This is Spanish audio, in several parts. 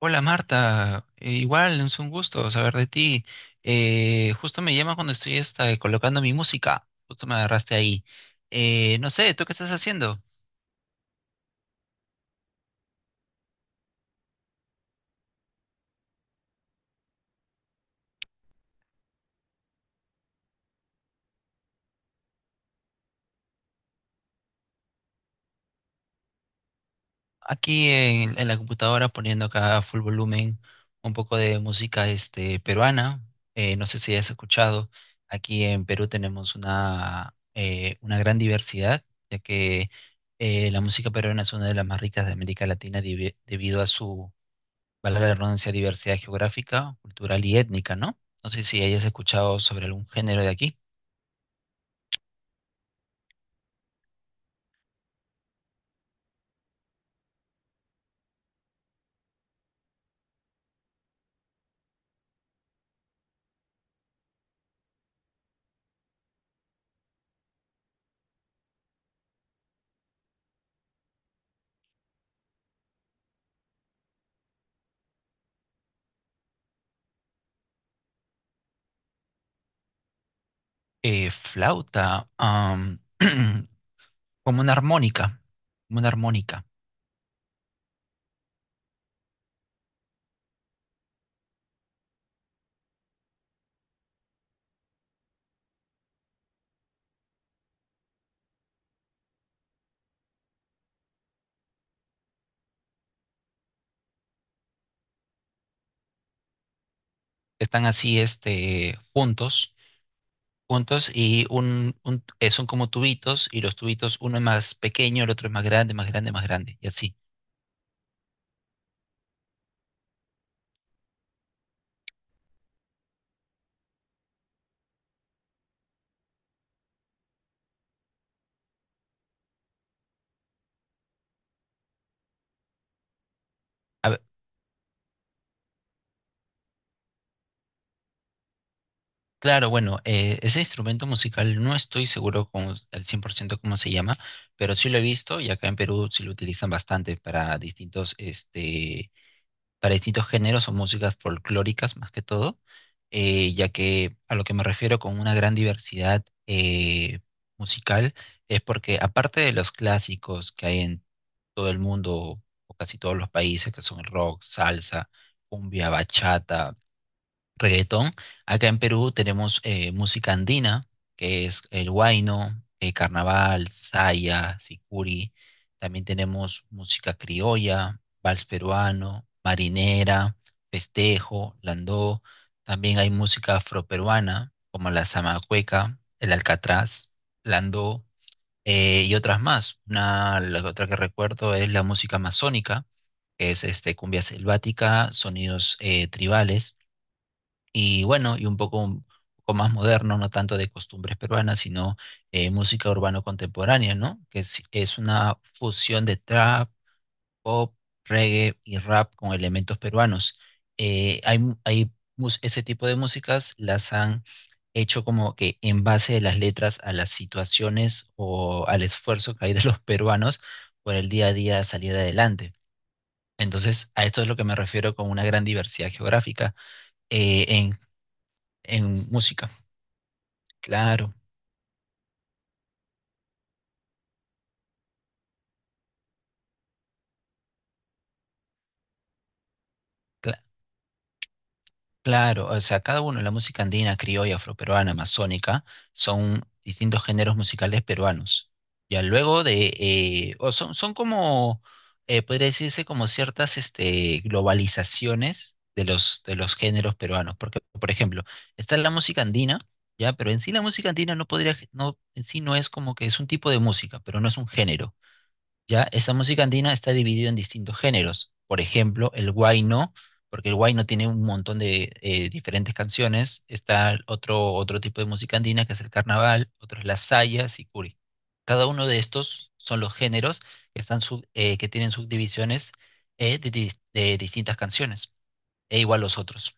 Hola Marta, igual es un gusto saber de ti. Justo me llama cuando estoy colocando mi música, justo me agarraste ahí. No sé, ¿tú qué estás haciendo? Aquí en la computadora poniendo acá a full volumen un poco de música peruana. No sé si has escuchado, aquí en Perú tenemos una gran diversidad, ya que la música peruana es una de las más ricas de América Latina debido a su, valga la redundancia, diversidad geográfica, cultural y étnica, ¿no? No sé si hayas escuchado sobre algún género de aquí. Flauta, como una armónica, como una armónica. Están así, juntos y son como tubitos y los tubitos, uno es más pequeño, el otro es más grande, más grande, más grande, y así. Claro, bueno, ese instrumento musical no estoy seguro como, al 100% cómo se llama, pero sí lo he visto y acá en Perú sí lo utilizan bastante para distintos, para distintos géneros o músicas folclóricas más que todo, ya que a lo que me refiero con una gran diversidad musical es porque aparte de los clásicos que hay en todo el mundo o casi todos los países, que son el rock, salsa, cumbia, bachata, reggaetón. Acá en Perú tenemos música andina, que es el huayno, carnaval, saya, sicuri. También tenemos música criolla, vals peruano, marinera, festejo, landó. También hay música afroperuana, como la zamacueca, el alcatraz, landó, y otras más. Una, la otra que recuerdo es la música amazónica, que es cumbia selvática, sonidos tribales y bueno, y un poco más moderno, no tanto de costumbres peruanas, sino música urbano contemporánea, ¿no? Es una fusión de trap, pop, reggae y rap con elementos peruanos. Hay, mu- hay mus- Ese tipo de músicas las han hecho como que en base de las letras a las situaciones o al esfuerzo que hay de los peruanos por el día a día salir adelante. Entonces, a esto es lo que me refiero con una gran diversidad geográfica eh, en, en música. Claro, cla- claro, o sea, cada uno, la música andina, criolla, afroperuana, amazónica, son distintos géneros musicales peruanos. Ya luego de, o son, son como, podría decirse como ciertas, globalizaciones de los géneros peruanos, porque, por ejemplo, está la música andina, ya, pero en sí la música andina no podría, no, en sí no es como que es un tipo de música, pero no es un género. Ya, esta música andina está dividida en distintos géneros. Por ejemplo, el huayno, porque el huayno tiene un montón de diferentes canciones. Está otro, otro tipo de música andina que es el carnaval, otro es la saya, sicuri. Cada uno de estos son los géneros que tienen subdivisiones de distintas canciones, e igual los otros.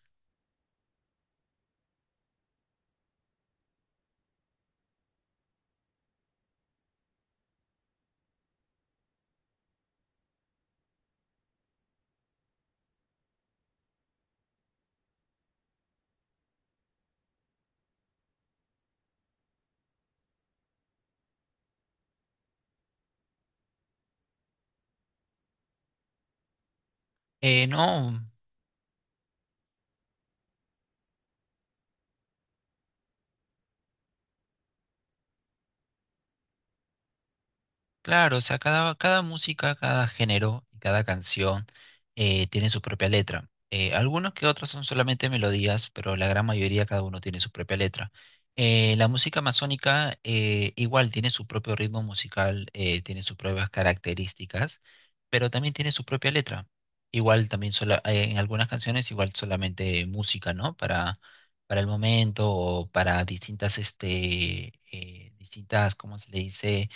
No. Claro, o sea, cada, cada música, cada género y cada canción tiene su propia letra. Algunos que otros son solamente melodías, pero la gran mayoría cada uno tiene su propia letra. La música amazónica igual tiene su propio ritmo musical, tiene sus propias características, pero también tiene su propia letra. Igual también, en algunas canciones igual solamente música, ¿no? Para el momento o para distintas, distintas, ¿cómo se le dice?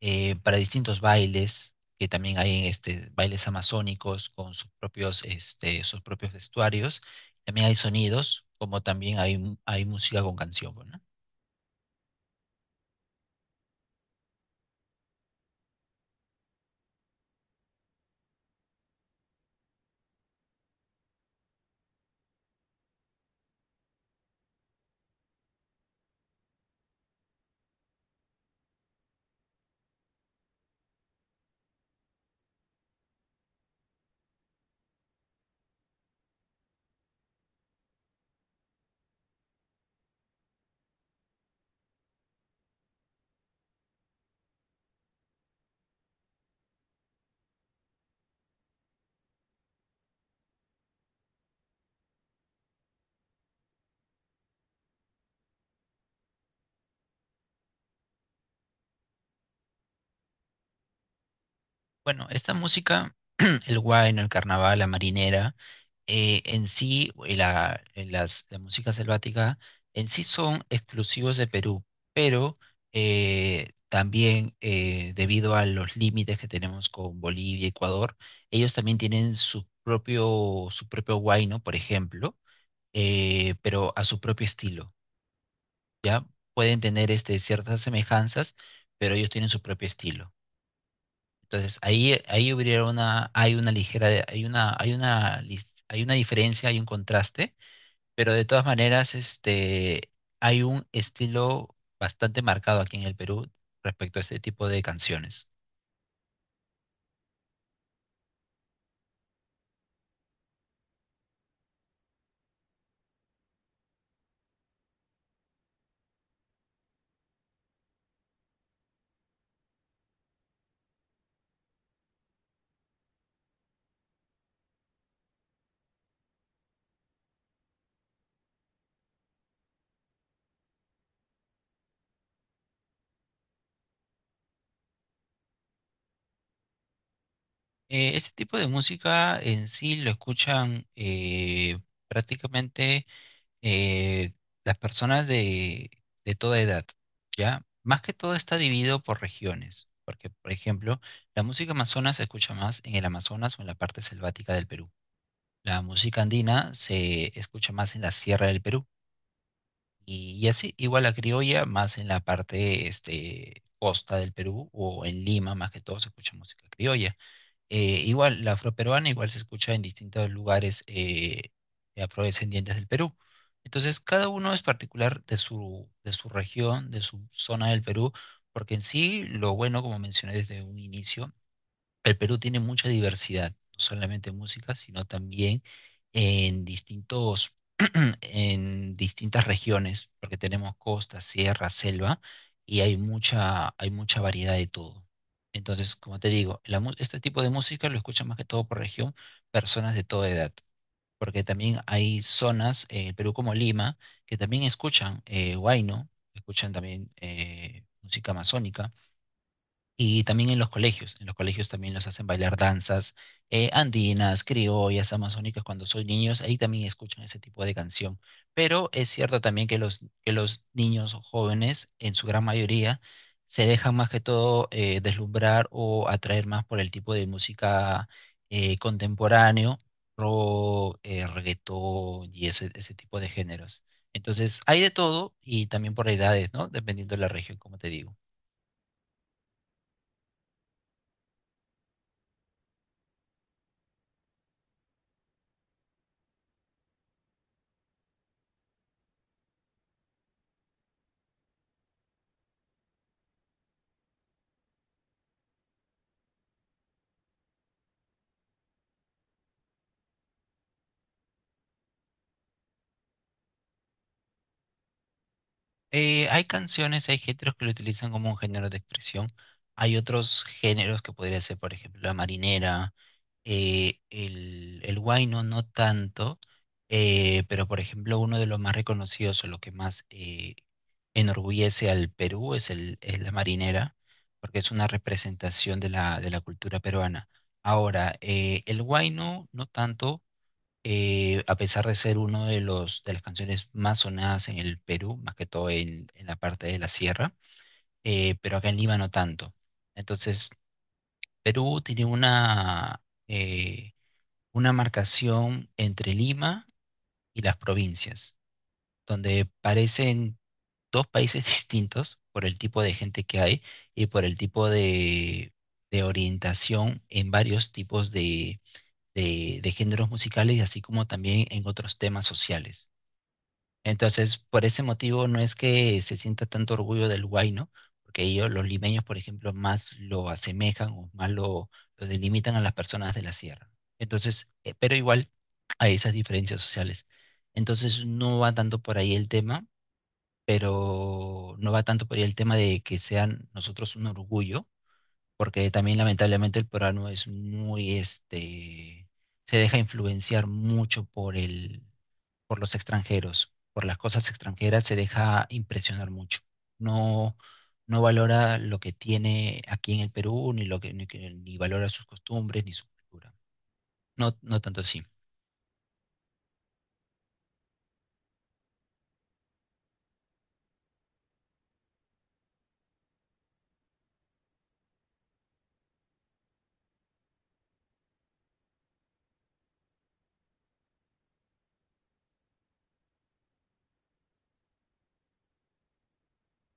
Para distintos bailes, que también hay bailes amazónicos con sus propios, sus propios vestuarios. También hay sonidos, como también hay música con canción, pues, ¿no? Bueno, esta música, el huayno, el carnaval, la marinera, en sí, la música selvática, en sí son exclusivos de Perú, pero también debido a los límites que tenemos con Bolivia y Ecuador, ellos también tienen su propio huayno, por ejemplo, pero a su propio estilo, ¿ya? Pueden tener ciertas semejanzas, pero ellos tienen su propio estilo. Entonces, ahí, ahí hubiera una, hay una ligera, hay una, lis- hay una diferencia, hay un contraste, pero de todas maneras, hay un estilo bastante marcado aquí en el Perú respecto a este tipo de canciones. Este tipo de música en sí lo escuchan prácticamente eh, las personas de toda edad, ¿ya? Más que todo está dividido por regiones, porque, por ejemplo, la música amazona se escucha más en el Amazonas o en la parte selvática del Perú. La música andina se escucha más en la sierra del Perú. Y así, igual la criolla más en la parte este, costa del Perú o en Lima, más que todo se escucha música criolla. Igual, la afroperuana igual se escucha en distintos lugares de afrodescendientes del Perú. Entonces, cada uno es particular de su región, de su zona del Perú, porque en sí, lo bueno, como mencioné desde un inicio, el Perú tiene mucha diversidad, no solamente en música, sino también en distintos, en distintas regiones, porque tenemos costa, sierra, selva, y hay mucha variedad de todo. Entonces, como te digo, este tipo de música lo escuchan más que todo por región personas de toda edad, porque también hay zonas en el Perú como Lima que también escuchan huayno, escuchan también música amazónica y también en los colegios también los hacen bailar danzas andinas, criollas, amazónicas, cuando son niños, ahí también escuchan ese tipo de canción. Pero es cierto también que los niños o jóvenes, en su gran mayoría, se dejan más que todo deslumbrar o atraer más por el tipo de música contemporáneo, rock, reggaetón y ese tipo de géneros. Entonces, hay de todo y también por edades, ¿no? Dependiendo de la región, como te digo. Hay canciones, hay géneros que lo utilizan como un género de expresión. Hay otros géneros que podría ser, por ejemplo, la marinera, el huayno no tanto, pero por ejemplo uno de los más reconocidos o lo que más enorgullece al Perú es la marinera, porque es una representación de la cultura peruana. Ahora, el huayno no tanto, a pesar de ser uno de los de las canciones más sonadas en el Perú, más que todo en la parte de la sierra, pero acá en Lima no tanto. Entonces, Perú tiene eh, una marcación entre Lima y las provincias, donde parecen dos países distintos por el tipo de gente que hay y por el tipo de orientación en varios tipos de, de géneros musicales, así como también en otros temas sociales. Entonces, por ese motivo no es que se sienta tanto orgullo del huayno, porque ellos, los limeños, por ejemplo, más lo asemejan o más lo delimitan a las personas de la sierra. Entonces, pero igual hay esas diferencias sociales. Entonces, no va tanto por ahí el tema, pero no va tanto por ahí el tema de que sean nosotros un orgullo, porque también lamentablemente el peruano es muy, se deja influenciar mucho por los extranjeros, por las cosas extranjeras, se deja impresionar mucho. No, no valora lo que tiene aquí en el Perú, ni lo que- ni valora sus costumbres, ni su cultura. No, no tanto así.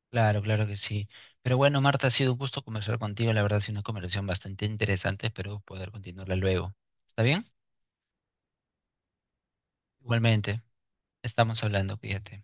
Claro, claro que sí. Pero bueno, Marta, ha sido un gusto conversar contigo. La verdad, ha sido una conversación bastante interesante. Espero poder continuarla luego. ¿Está bien? Igualmente, estamos hablando, cuídate.